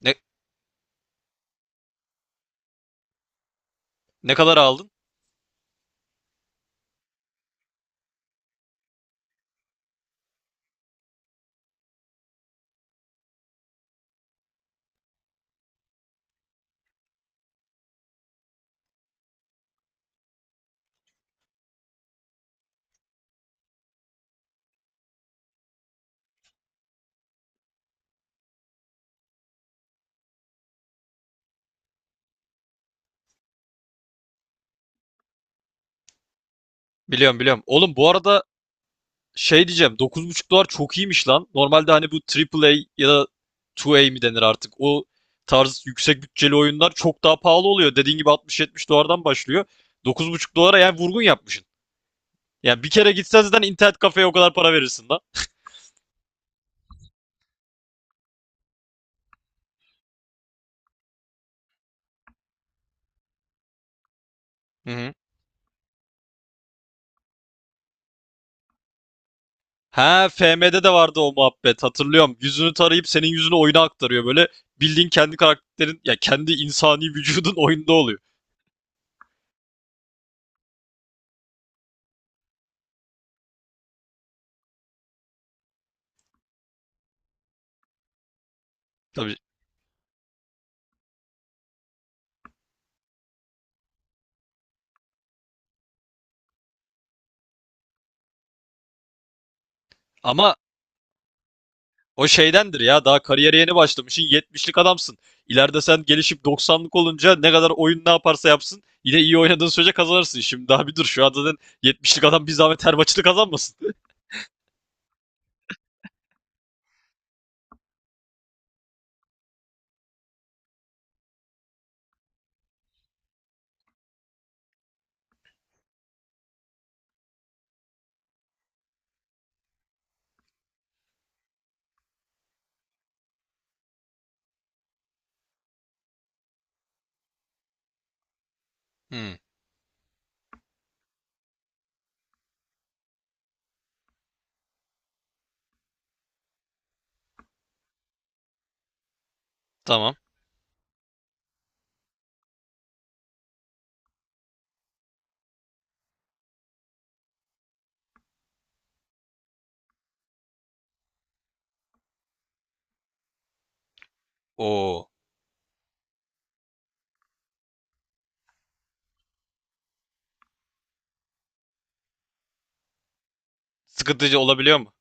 Ne, ne kadar aldın? Biliyorum, biliyorum. Oğlum, bu arada şey diyeceğim, 9,5 dolar çok iyiymiş lan. Normalde hani bu AAA ya da 2A mi denir artık. O tarz yüksek bütçeli oyunlar çok daha pahalı oluyor. Dediğin gibi 60, 70 dolardan başlıyor. 9,5 dolara yani vurgun yapmışsın. Yani bir kere gitsen zaten internet kafeye o kadar para verirsin lan. Hı hı. Ha, FM'de de vardı o muhabbet, hatırlıyorum. Yüzünü tarayıp senin yüzünü oyuna aktarıyor böyle. Bildiğin kendi karakterin ya, kendi insani vücudun oyunda oluyor. Tabii. Ama o şeydendir ya, daha kariyere yeni başlamışsın, yetmişlik adamsın. İleride sen gelişip doksanlık olunca ne kadar oyun ne yaparsa yapsın yine iyi oynadığın sürece kazanırsın. Şimdi daha bir dur, şu an zaten yetmişlik adam bir zahmet her maçını kazanmasın. Hmm. Tamam. Oo. Sıkıntıcı olabiliyor mu?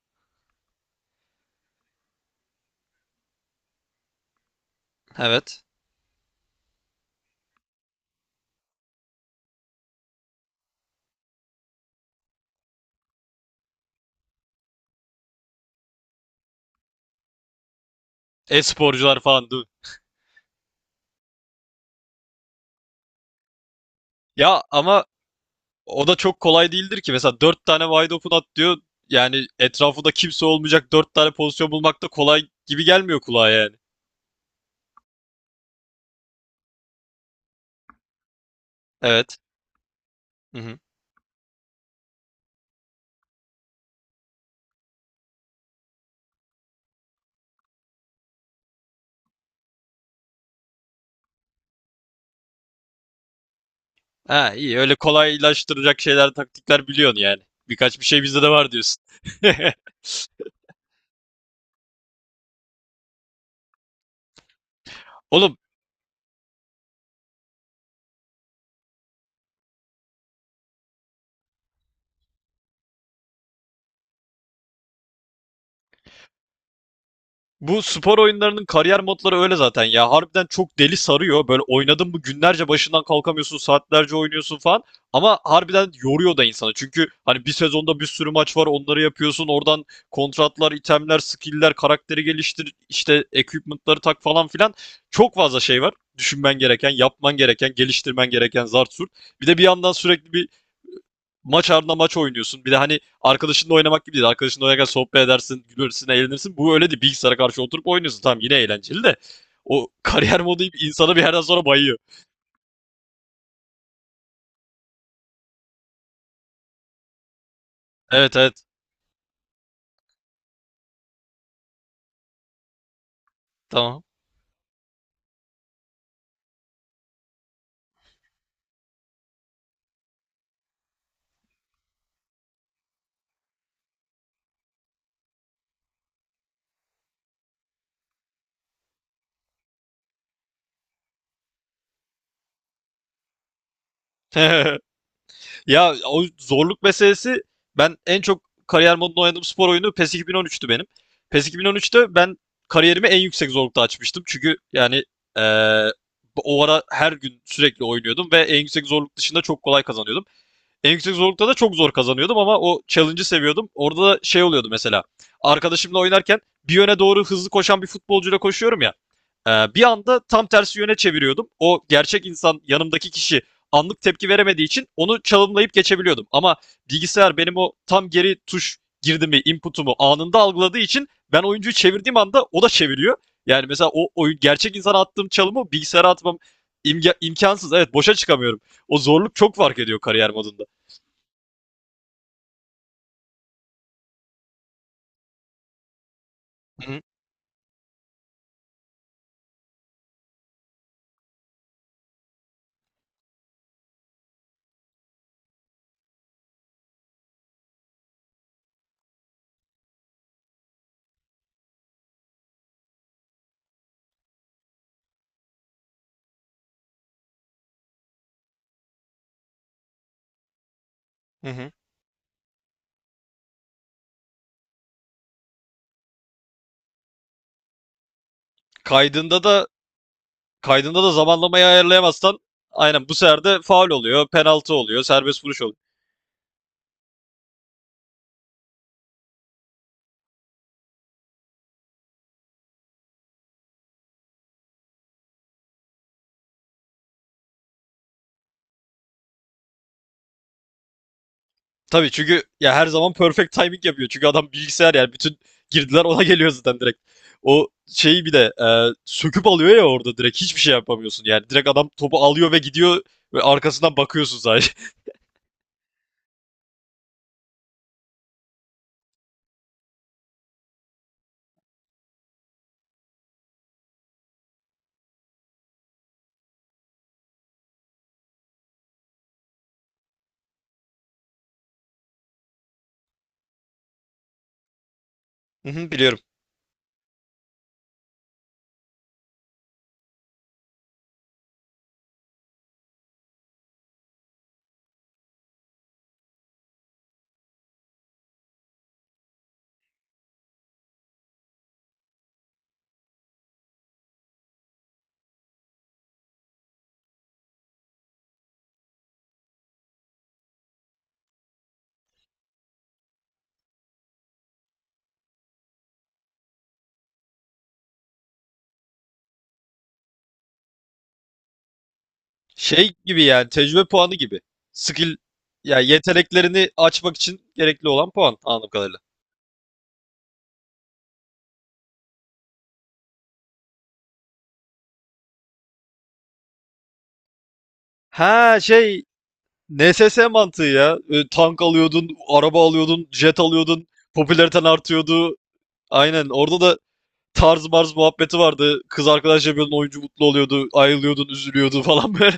Evet. E-sporcular falan değil mi? Ya ama o da çok kolay değildir ki. Mesela 4 tane wide open at diyor. Yani etrafında kimse olmayacak 4 tane pozisyon bulmak da kolay gibi gelmiyor kulağa yani. Evet. Hı hı. Ha, iyi, öyle kolaylaştıracak şeyler, taktikler biliyorsun yani. Birkaç bir şey bizde de var diyorsun. Oğlum. Bu spor oyunlarının kariyer modları öyle zaten ya. Harbiden çok deli sarıyor. Böyle oynadın mı günlerce başından kalkamıyorsun, saatlerce oynuyorsun falan. Ama harbiden yoruyor da insanı. Çünkü hani bir sezonda bir sürü maç var, onları yapıyorsun. Oradan kontratlar, itemler, skill'ler, karakteri geliştir, işte equipment'ları tak falan filan. Çok fazla şey var. Düşünmen gereken, yapman gereken, geliştirmen gereken zart surt. Bir de bir yandan sürekli bir maç ardına maç oynuyorsun. Bir de hani arkadaşınla oynamak gibi değil. Arkadaşınla oynarken sohbet edersin, gülersin, eğlenirsin. Bu öyle değil. Bilgisayara karşı oturup oynuyorsun. Tamam, yine eğlenceli de. O kariyer modu insanı bir yerden sonra bayıyor. Evet, evet. Tamam. Ya, o zorluk meselesi, ben en çok kariyer modunda oynadığım spor oyunu PES 2013'tü benim. PES 2013'te ben kariyerimi en yüksek zorlukta açmıştım. Çünkü yani eee, o ara her gün sürekli oynuyordum ve en yüksek zorluk dışında çok kolay kazanıyordum. En yüksek zorlukta da çok zor kazanıyordum ama o challenge'ı seviyordum. Orada da şey oluyordu mesela. Arkadaşımla oynarken bir yöne doğru hızlı koşan bir futbolcuyla koşuyorum ya. Bir anda tam tersi yöne çeviriyordum. O gerçek insan, yanımdaki kişi, anlık tepki veremediği için onu çalımlayıp geçebiliyordum. Ama bilgisayar benim o tam geri tuş girdimi, input'umu anında algıladığı için ben oyuncuyu çevirdiğim anda o da çeviriyor. Yani mesela o oyun, gerçek insana attığım çalımı bilgisayara atmam imkansız. Evet, boşa çıkamıyorum. O zorluk çok fark ediyor kariyer modunda. Hı hı, hı hı. Kaydında da, kaydında da zamanlamayı ayarlayamazsan aynen bu sefer de faul oluyor, penaltı oluyor, serbest vuruş oluyor. Tabii, çünkü ya her zaman perfect timing yapıyor. Çünkü adam bilgisayar, yani bütün girdiler ona geliyor zaten direkt. O şeyi bir de söküp alıyor ya, orada direkt hiçbir şey yapamıyorsun. Yani direkt adam topu alıyor ve gidiyor ve arkasından bakıyorsun sadece. Hı hı, biliyorum. Şey gibi yani, tecrübe puanı gibi. Skill, yani yeteneklerini açmak için gerekli olan puan anladığım kadarıyla. Ha şey, NSS mantığı ya. Tank alıyordun, araba alıyordun, jet alıyordun, popülariten artıyordu. Aynen, orada da tarz marz muhabbeti vardı. Kız arkadaş yapıyordun, oyuncu mutlu oluyordu. Ayrılıyordun, üzülüyordu falan böyle.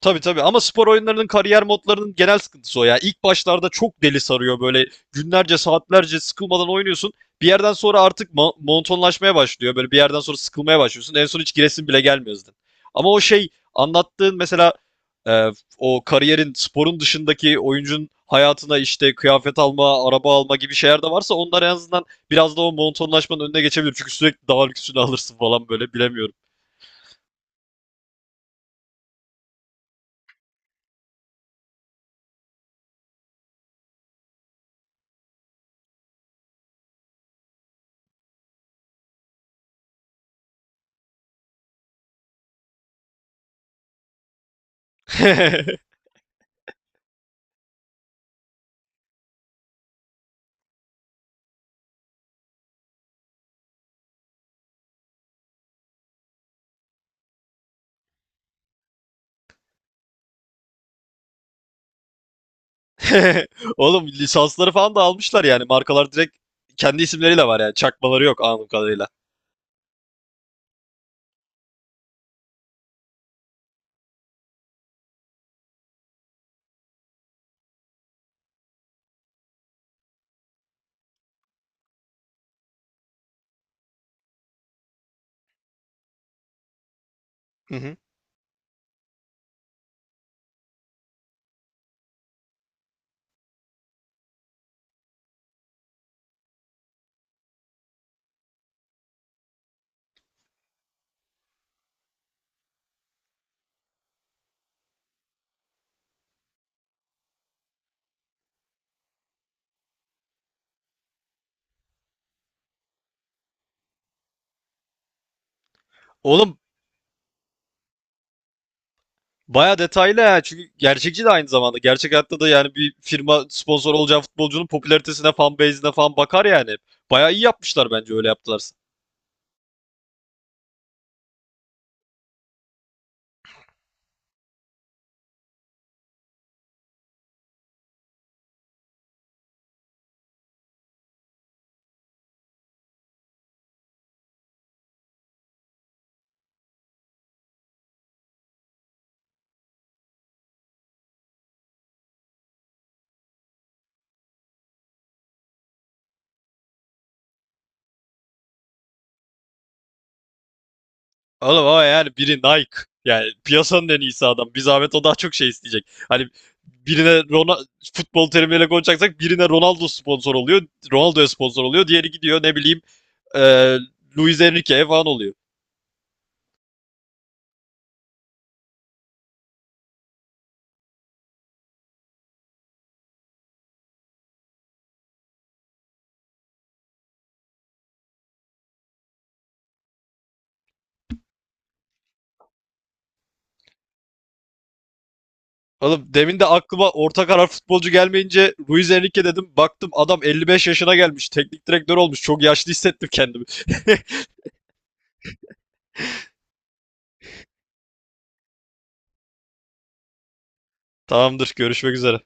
Tabii, tabii, ama spor oyunlarının kariyer modlarının genel sıkıntısı o ya. İlk başlarda çok deli sarıyor böyle, günlerce saatlerce sıkılmadan oynuyorsun. Bir yerden sonra artık monotonlaşmaya başlıyor. Böyle bir yerden sonra sıkılmaya başlıyorsun. En son hiç giresin bile gelmiyor zaten. Ama o şey anlattığın mesela, e, o kariyerin sporun dışındaki oyuncunun hayatına işte kıyafet alma, araba alma gibi şeyler de varsa, onlar en azından biraz da o monotonlaşmanın önüne geçebilir. Çünkü sürekli daha lüksünü alırsın falan böyle, bilemiyorum. Oğlum, lisansları falan da almışlar yani. Markalar direkt kendi isimleriyle var yani. Çakmaları yok anladığım kadarıyla. Oğlum, baya detaylı ha. Çünkü gerçekçi de aynı zamanda. Gerçek hayatta da yani bir firma sponsor olacağı futbolcunun popülaritesine, fan base'ine falan bakar yani. Baya iyi yapmışlar bence, öyle yaptılarsa. Oğlum, ama yani biri Nike. Yani piyasanın en iyisi adam. Bir zahmet o daha çok şey isteyecek. Hani birine Ronaldo, futbol terimiyle konuşacaksak, birine Ronaldo sponsor oluyor. Ronaldo'ya sponsor oluyor. Diğeri gidiyor, ne bileyim, e, Luis Enrique falan oluyor. Oğlum, demin de aklıma orta karar futbolcu gelmeyince Luis Enrique dedim. Baktım adam 55 yaşına gelmiş, teknik direktör olmuş. Çok yaşlı hissettim kendimi. Tamamdır. Görüşmek üzere.